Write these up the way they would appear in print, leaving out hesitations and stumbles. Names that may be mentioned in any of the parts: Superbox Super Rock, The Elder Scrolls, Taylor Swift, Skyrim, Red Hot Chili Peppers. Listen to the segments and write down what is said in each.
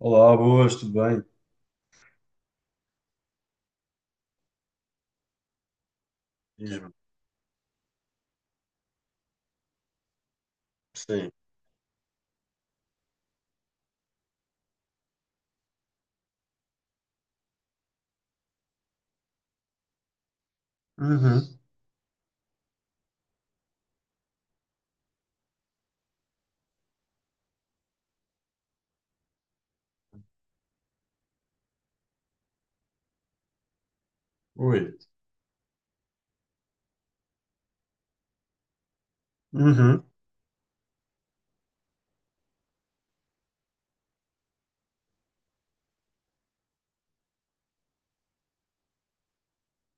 Olá, boas, tudo bem? Diz-me. Sim. Uhum. Ui. Uhum.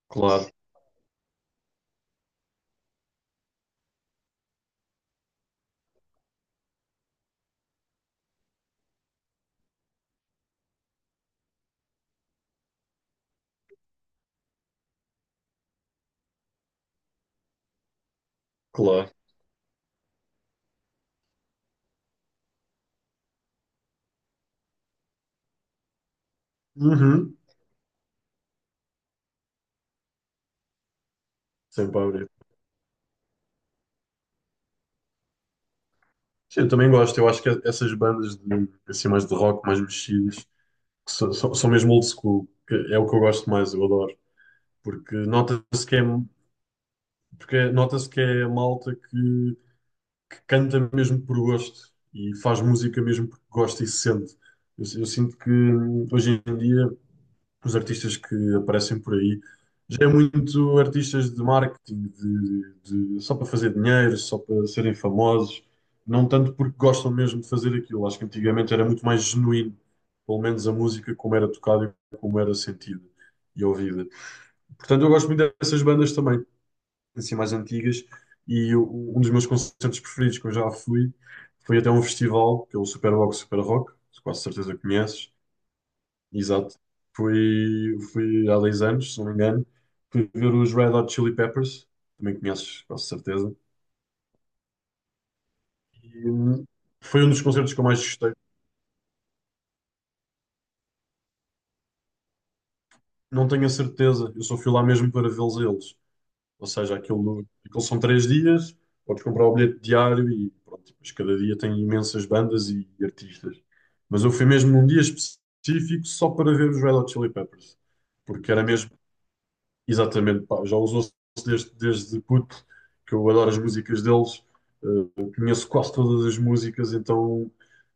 Claro, claro. Uhum. Sempre a abrir. Sim, eu também gosto. Eu acho que essas assim, mais de rock, mais mexidas, que são mesmo old school, que é o que eu gosto mais, eu adoro. Porque nota-se que é, porque nota-se que é a malta que canta mesmo por gosto e faz música mesmo porque gosta e se sente. Eu sinto que hoje em dia os artistas que aparecem por aí já é muito artistas de marketing, só para fazer dinheiro, só para serem famosos, não tanto porque gostam mesmo de fazer aquilo. Acho que antigamente era muito mais genuíno, pelo menos a música como era tocada e como era sentida e ouvida. Portanto, eu gosto muito dessas bandas também, assim mais antigas, e um dos meus concertos preferidos que eu já fui foi até um festival, que é o Superbox Super Rock, com quase certeza que conheces. Exato. Fui, fui há 10 anos, se não me engano, fui ver os Red Hot Chili Peppers, também conheces, com certeza. E, hum, Foi um dos concertos que eu mais gostei. Não tenho a certeza, eu só fui lá mesmo para vê-los a eles. Ou seja, aquilo são três dias, podes comprar o bilhete diário e pronto, mas cada dia tem imensas bandas e artistas. Mas eu fui mesmo num dia específico só para ver os Red Hot Chili Peppers, porque era mesmo. Exatamente, pá, já usou-se desde puto, que eu adoro as músicas deles, conheço quase todas as músicas, então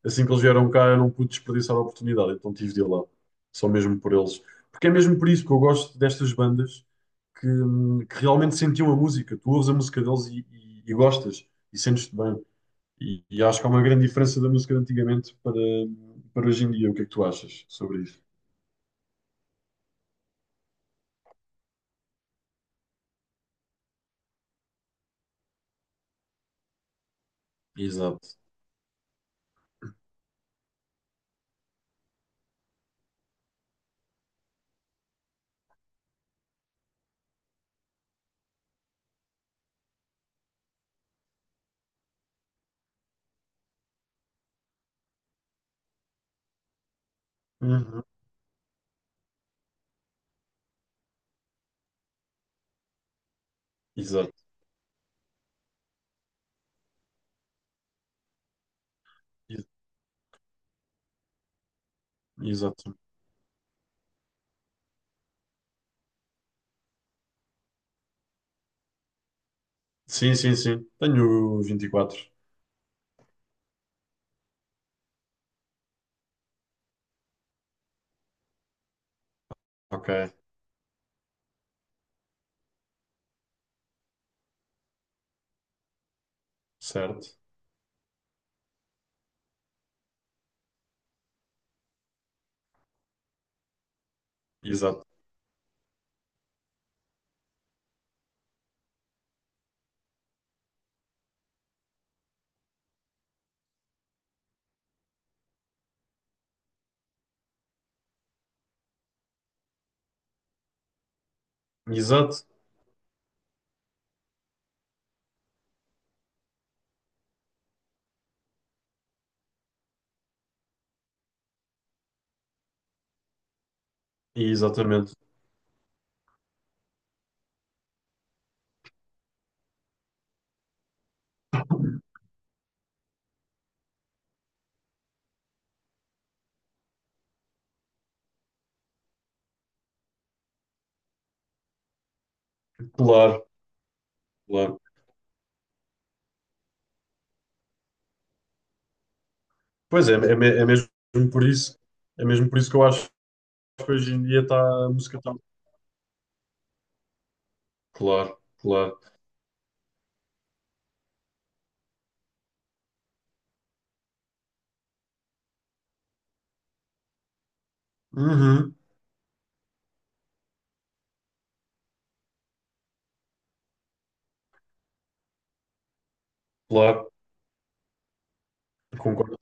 assim que eles vieram cá eu não pude desperdiçar a oportunidade, então tive de ir lá, só mesmo por eles. Porque é mesmo por isso que eu gosto destas bandas que realmente sentiam a música, tu ouves a música deles e gostas, e sentes-te bem. E acho que há uma grande diferença da música de antigamente para hoje em dia. O que é que tu achas sobre isso? Exato. Uhum. Exato. Ex- Exato. Sim, sim, sim. Tenho vinte e quatro. Ok, certo. Exato. Exato. Exatamente. Claro, claro. Pois é, é mesmo por isso, é mesmo por isso que eu acho que hoje em dia, a música está. Claro, claro. Uhum, claro. Concordo,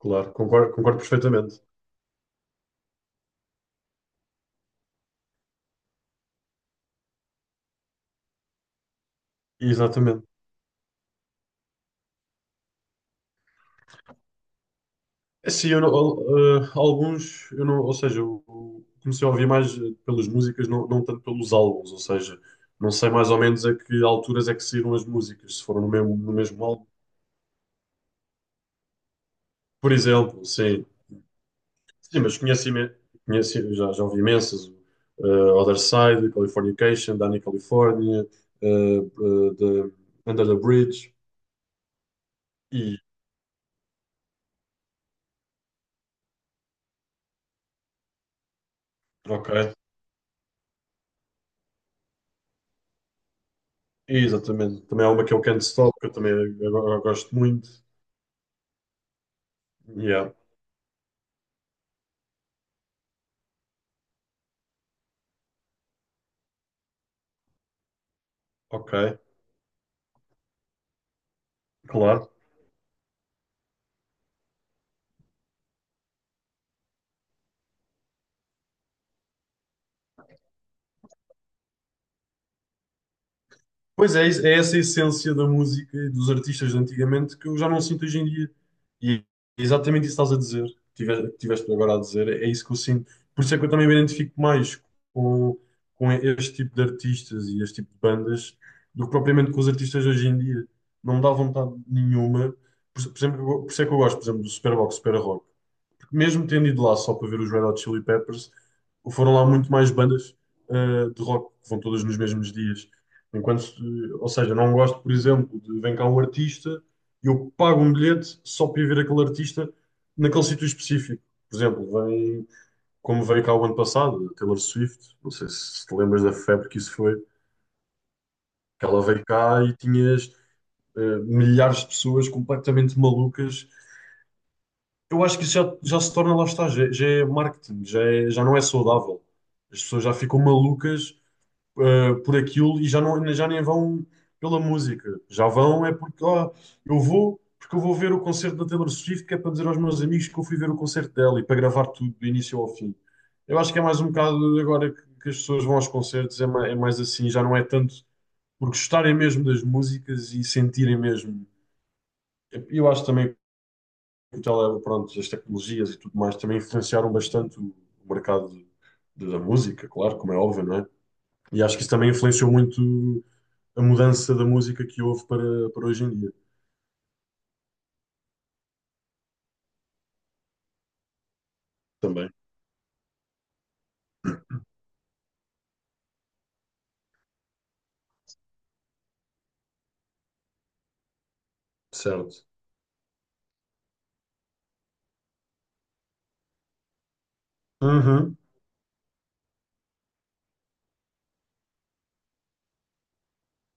claro. Concordo, concordo perfeitamente. Exatamente. Sim, eu não- al- eh, alguns, eu não, ou seja, eu comecei a ouvir mais pelas músicas, não, não tanto pelos álbuns, ou seja, não sei mais ou menos a que alturas é que saíram as músicas, se foram no mesmo, no mesmo álbum, por exemplo, sim, sim, mas conheci já, já ouvi imensas, Other Side, Californication, Danny California, eh, eh, the- Under the Bridge, e, ok, exatamente, também há uma que é o Can't Stop, que eu também agora gosto muito, yeah, ok, claro. Pois é, é essa a essência da música e dos artistas de antigamente que eu já não sinto hoje em dia. E é exatamente isso que estás a dizer, que tiveste agora a dizer, é isso que eu sinto. Por isso é que eu também me identifico mais com, com este tipo de artistas e este tipo de bandas do que propriamente com os artistas de hoje em dia. Não me dá vontade nenhuma. Por exemplo, por isso é que eu gosto, por exemplo, do Superbox, Super Rock, mesmo tendo ido lá só para ver os Red Hot Chili Peppers, foram lá muito mais bandas de rock, que vão todas nos mesmos dias. Enquanto, ou seja, não gosto, por exemplo, de vem cá um artista e eu pago um bilhete só para ir ver aquele artista naquele sítio específico. Por exemplo, vem, como veio cá o ano passado, a Taylor Swift, não sei se te lembras da febre que isso foi, que ela veio cá e tinhas milhares de pessoas completamente malucas. Eu acho que isso já se torna, lá está, já, já é marketing, já não é saudável. As pessoas já ficam malucas, por aquilo e já, não, já nem vão pela música. Já vão é porque, ah, eu vou, porque eu vou ver o concerto da Taylor Swift, que é para dizer aos meus amigos que eu fui ver o concerto dela e para gravar tudo do início ao fim. Eu acho que é mais um bocado agora que as pessoas vão aos concertos, é mais assim, já não é tanto por gostarem mesmo das músicas e sentirem mesmo. Eu acho também ela, pronto, as tecnologias e tudo mais também influenciaram bastante o mercado da música, claro, como é óbvio, não é? E acho que isso também influenciou muito a mudança da música que houve para hoje em dia também. Certo. Uhum,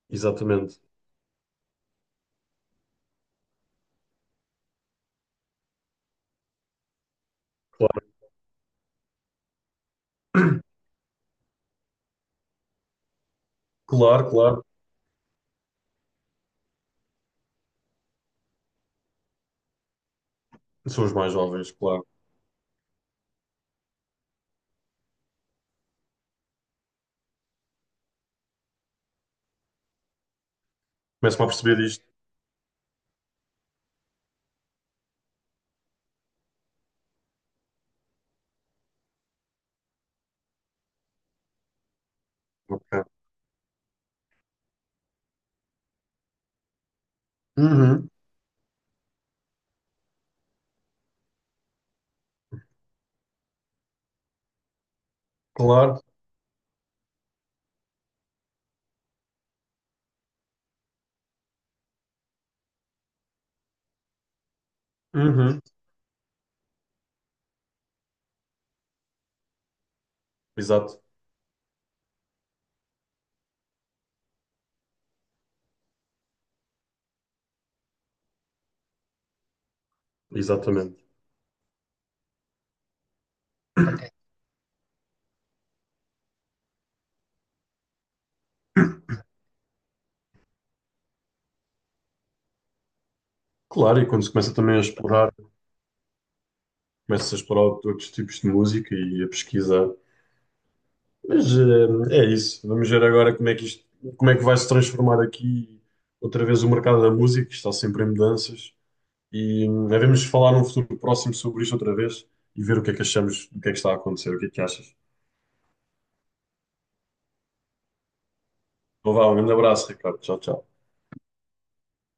exatamente. Claro, claro, claro. São os mais jovens, claro. Começam a perceber isto. Ok. Uhum, claro. Uhum, exato, exatamente. Claro, e quando se começa também a explorar, começa a explorar outros tipos de música e a pesquisar. Mas é isso. Vamos ver agora como é que como é que vai se transformar aqui outra vez o mercado da música, que está sempre em mudanças. E devemos falar num futuro próximo sobre isto outra vez e ver o que é que achamos, o que é que está a acontecer, o que é que achas. Então vá, um grande abraço, Ricardo. Tchau, tchau.